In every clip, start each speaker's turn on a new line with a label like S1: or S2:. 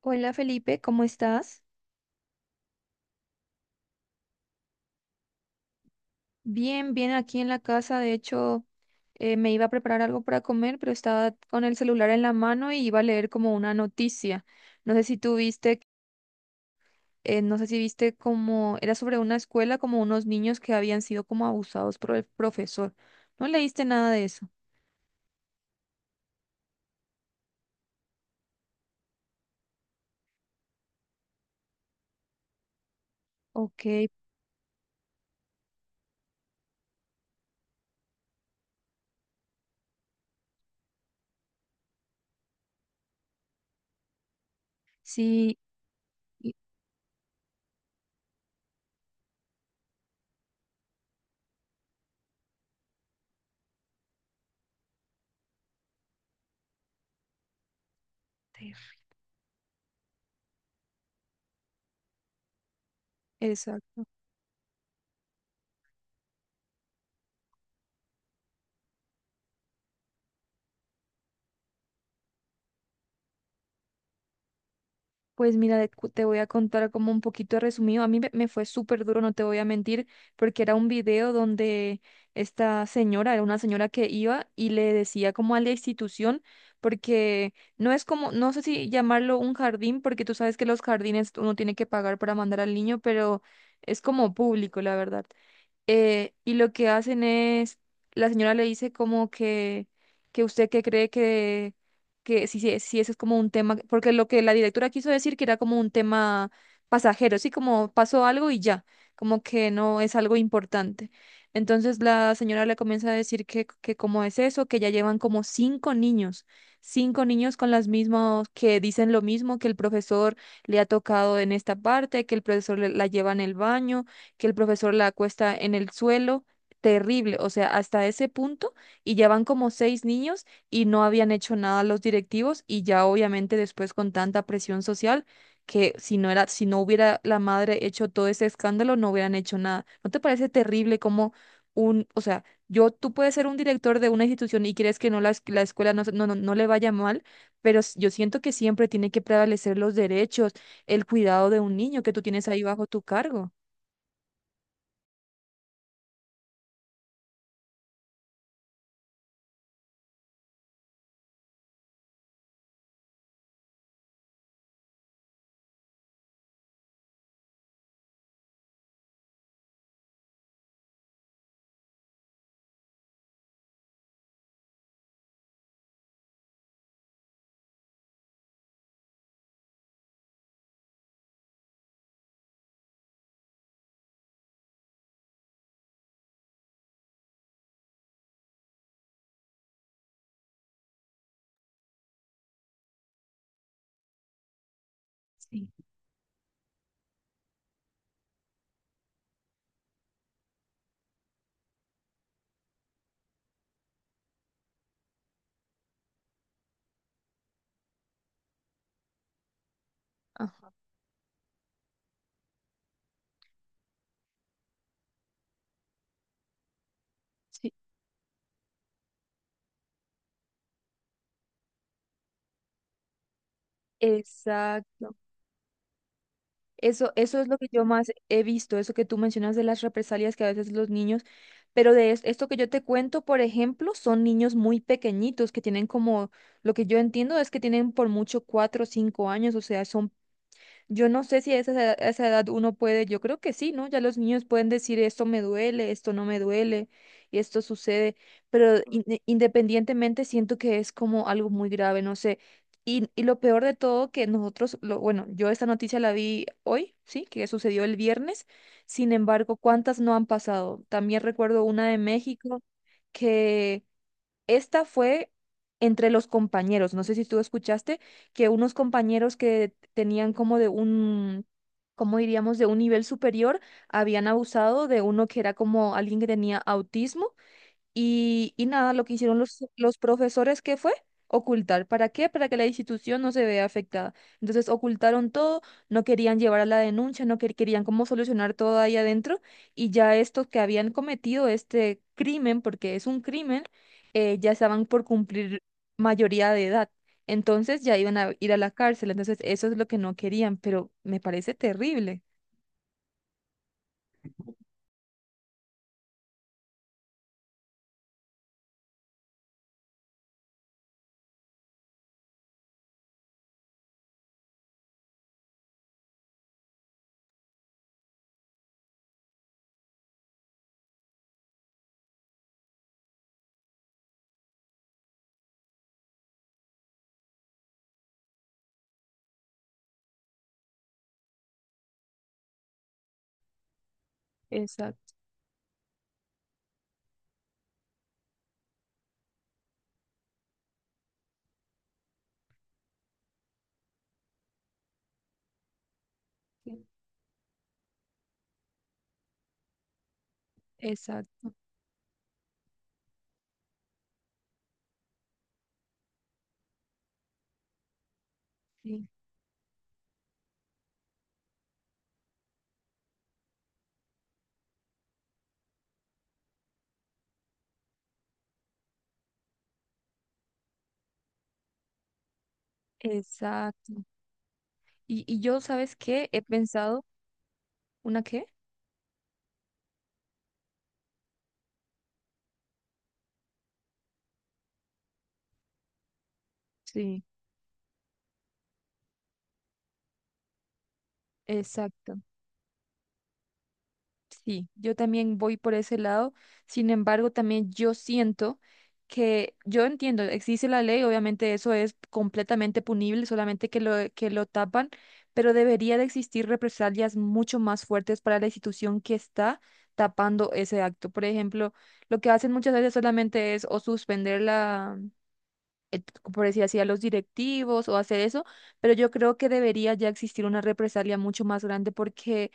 S1: Hola, Felipe, ¿cómo estás? Bien, bien, aquí en la casa. De hecho, me iba a preparar algo para comer, pero estaba con el celular en la mano y iba a leer como una noticia. No sé si tú viste, no sé si viste, como era sobre una escuela, como unos niños que habían sido como abusados por el profesor. ¿No leíste nada de eso? Ok, sí, y- exacto. Pues mira, te voy a contar como un poquito resumido. A mí me fue súper duro, no te voy a mentir, porque era un video donde esta señora, era una señora que iba y le decía como a la institución, porque no es como, no sé si llamarlo un jardín, porque tú sabes que los jardines uno tiene que pagar para mandar al niño, pero es como público, la verdad. Y lo que hacen es, la señora le dice como que usted que cree que si eso es como un tema, porque lo que la directora quiso decir que era como un tema pasajero, sí, como pasó algo y ya, como que no es algo importante. Entonces la señora le comienza a decir que cómo es eso, que ya llevan como cinco niños con las mismas, que dicen lo mismo, que el profesor le ha tocado en esta parte, que la lleva en el baño, que el profesor la acuesta en el suelo. Terrible, o sea, hasta ese punto. Y ya van como seis niños y no habían hecho nada los directivos, y ya obviamente después con tanta presión social, que si no era, si no hubiera la madre hecho todo ese escándalo, no hubieran hecho nada. ¿No te parece terrible como un, o sea, yo, tú puedes ser un director de una institución y crees que no la, es- la escuela no le vaya mal, pero yo siento que siempre tiene que prevalecer los derechos, el cuidado de un niño que tú tienes ahí bajo tu cargo? Sí. Ajá, sí, exacto. Eso es lo que yo más he visto, eso que tú mencionas de las represalias que a veces los niños, pero de esto que yo te cuento, por ejemplo, son niños muy pequeñitos que tienen como, lo que yo entiendo es que tienen por mucho 4 o 5 años, o sea, son. Yo no sé si a esa, a esa edad uno puede, yo creo que sí, ¿no? Ya los niños pueden decir esto me duele, esto no me duele, y esto sucede, pero independientemente siento que es como algo muy grave, no sé. Y lo peor de todo que nosotros, lo, bueno, yo esta noticia la vi hoy, ¿sí? Que sucedió el viernes, sin embargo, ¿cuántas no han pasado? También recuerdo una de México, que esta fue entre los compañeros. No sé si tú escuchaste que unos compañeros que tenían como de un, cómo diríamos, de un nivel superior, habían abusado de uno que era como alguien que tenía autismo. Y, y nada, lo que hicieron los profesores, ¿qué fue? Ocultar. ¿Para qué? Para que la institución no se vea afectada. Entonces ocultaron todo, no querían llevar a la denuncia, no quer- querían cómo solucionar todo ahí adentro. Y ya estos que habían cometido este crimen, porque es un crimen, ya estaban por cumplir mayoría de edad. Entonces ya iban a ir a la cárcel. Entonces eso es lo que no querían, pero me parece terrible. Exacto, exacto, sí, exacto. Y yo, ¿sabes qué? He pensado, ¿una qué? Sí. Exacto. Sí, yo también voy por ese lado. Sin embargo, también yo siento que yo entiendo, existe la ley, obviamente eso es completamente punible, solamente que lo tapan, pero debería de existir represalias mucho más fuertes para la institución que está tapando ese acto. Por ejemplo, lo que hacen muchas veces solamente es o suspender la eh, por decir así, a los directivos o hacer eso, pero yo creo que debería ya existir una represalia mucho más grande, porque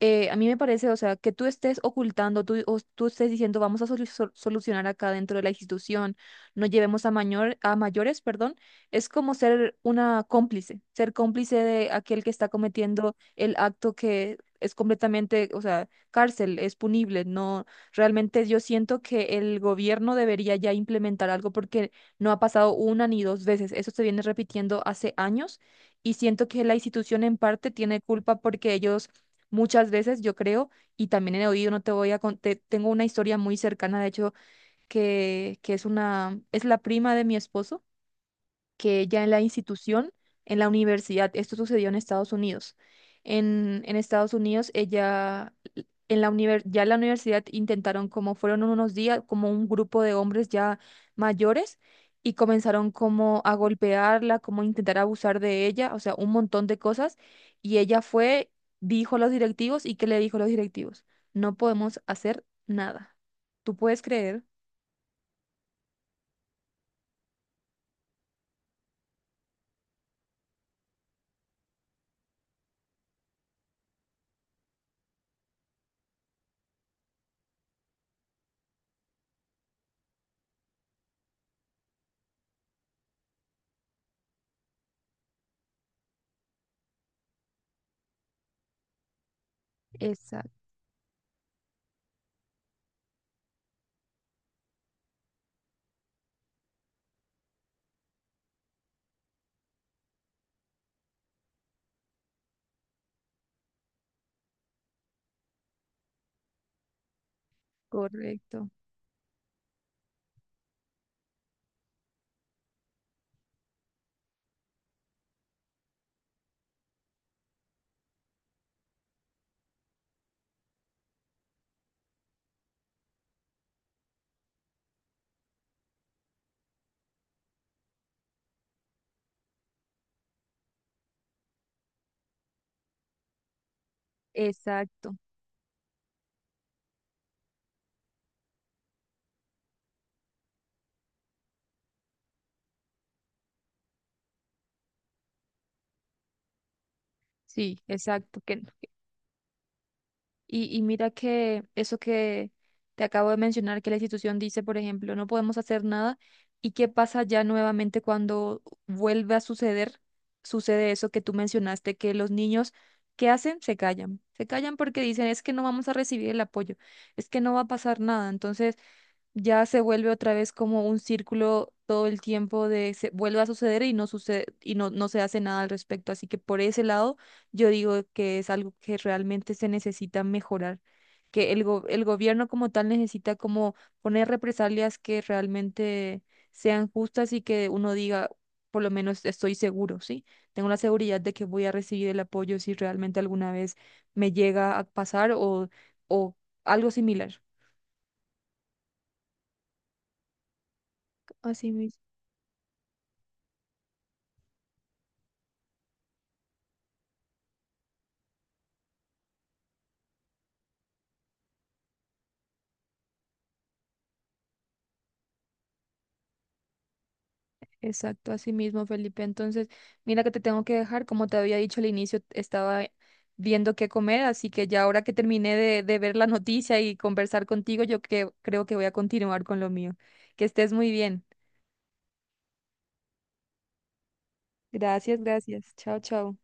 S1: a mí me parece, o sea, que tú estés ocultando, tú, o tú estés diciendo, vamos a solucionar acá dentro de la institución, no llevemos a, mayor, a mayores, perdón, es como ser una cómplice, ser cómplice de aquel que está cometiendo el acto que... Es completamente, o sea, cárcel, es punible. No, realmente yo siento que el gobierno debería ya implementar algo, porque no ha pasado una ni dos veces. Eso se viene repitiendo hace años y siento que la institución en parte tiene culpa, porque ellos muchas veces, yo creo, y también he oído, no te voy a contar, tengo una historia muy cercana, de hecho, que es una, es la prima de mi esposo que ya en la institución, en la universidad, esto sucedió en Estados Unidos. En Estados Unidos, ella, en la ya en la universidad intentaron, como fueron unos días, como un grupo de hombres ya mayores y comenzaron como a golpearla, como a intentar abusar de ella, o sea, un montón de cosas. Y ella fue, dijo a los directivos, y ¿qué le dijo a los directivos? No podemos hacer nada. ¿Tú puedes creer? Exacto, correcto. Exacto. Sí, exacto. Que no. Y mira que eso que te acabo de mencionar, que la institución dice, por ejemplo, no podemos hacer nada. ¿Y qué pasa ya nuevamente cuando vuelve a suceder? Sucede eso que tú mencionaste, que los niños, ¿qué hacen? Se callan. Se callan porque dicen, es que no vamos a recibir el apoyo, es que no va a pasar nada. Entonces, ya se vuelve otra vez como un círculo todo el tiempo de se vuelve a suceder y no sucede y no, no se hace nada al respecto. Así que por ese lado, yo digo que es algo que realmente se necesita mejorar, que el gobierno como tal necesita como poner represalias que realmente sean justas y que uno diga, por lo menos estoy seguro, ¿sí? Tengo la seguridad de que voy a recibir el apoyo si realmente alguna vez me llega a pasar o algo similar. Así mismo. Exacto, así mismo, Felipe. Entonces, mira que te tengo que dejar. Como te había dicho al inicio, estaba viendo qué comer, así que ya ahora que terminé de ver la noticia y conversar contigo, yo que, creo que voy a continuar con lo mío. Que estés muy bien. Gracias, gracias. Chao, chao.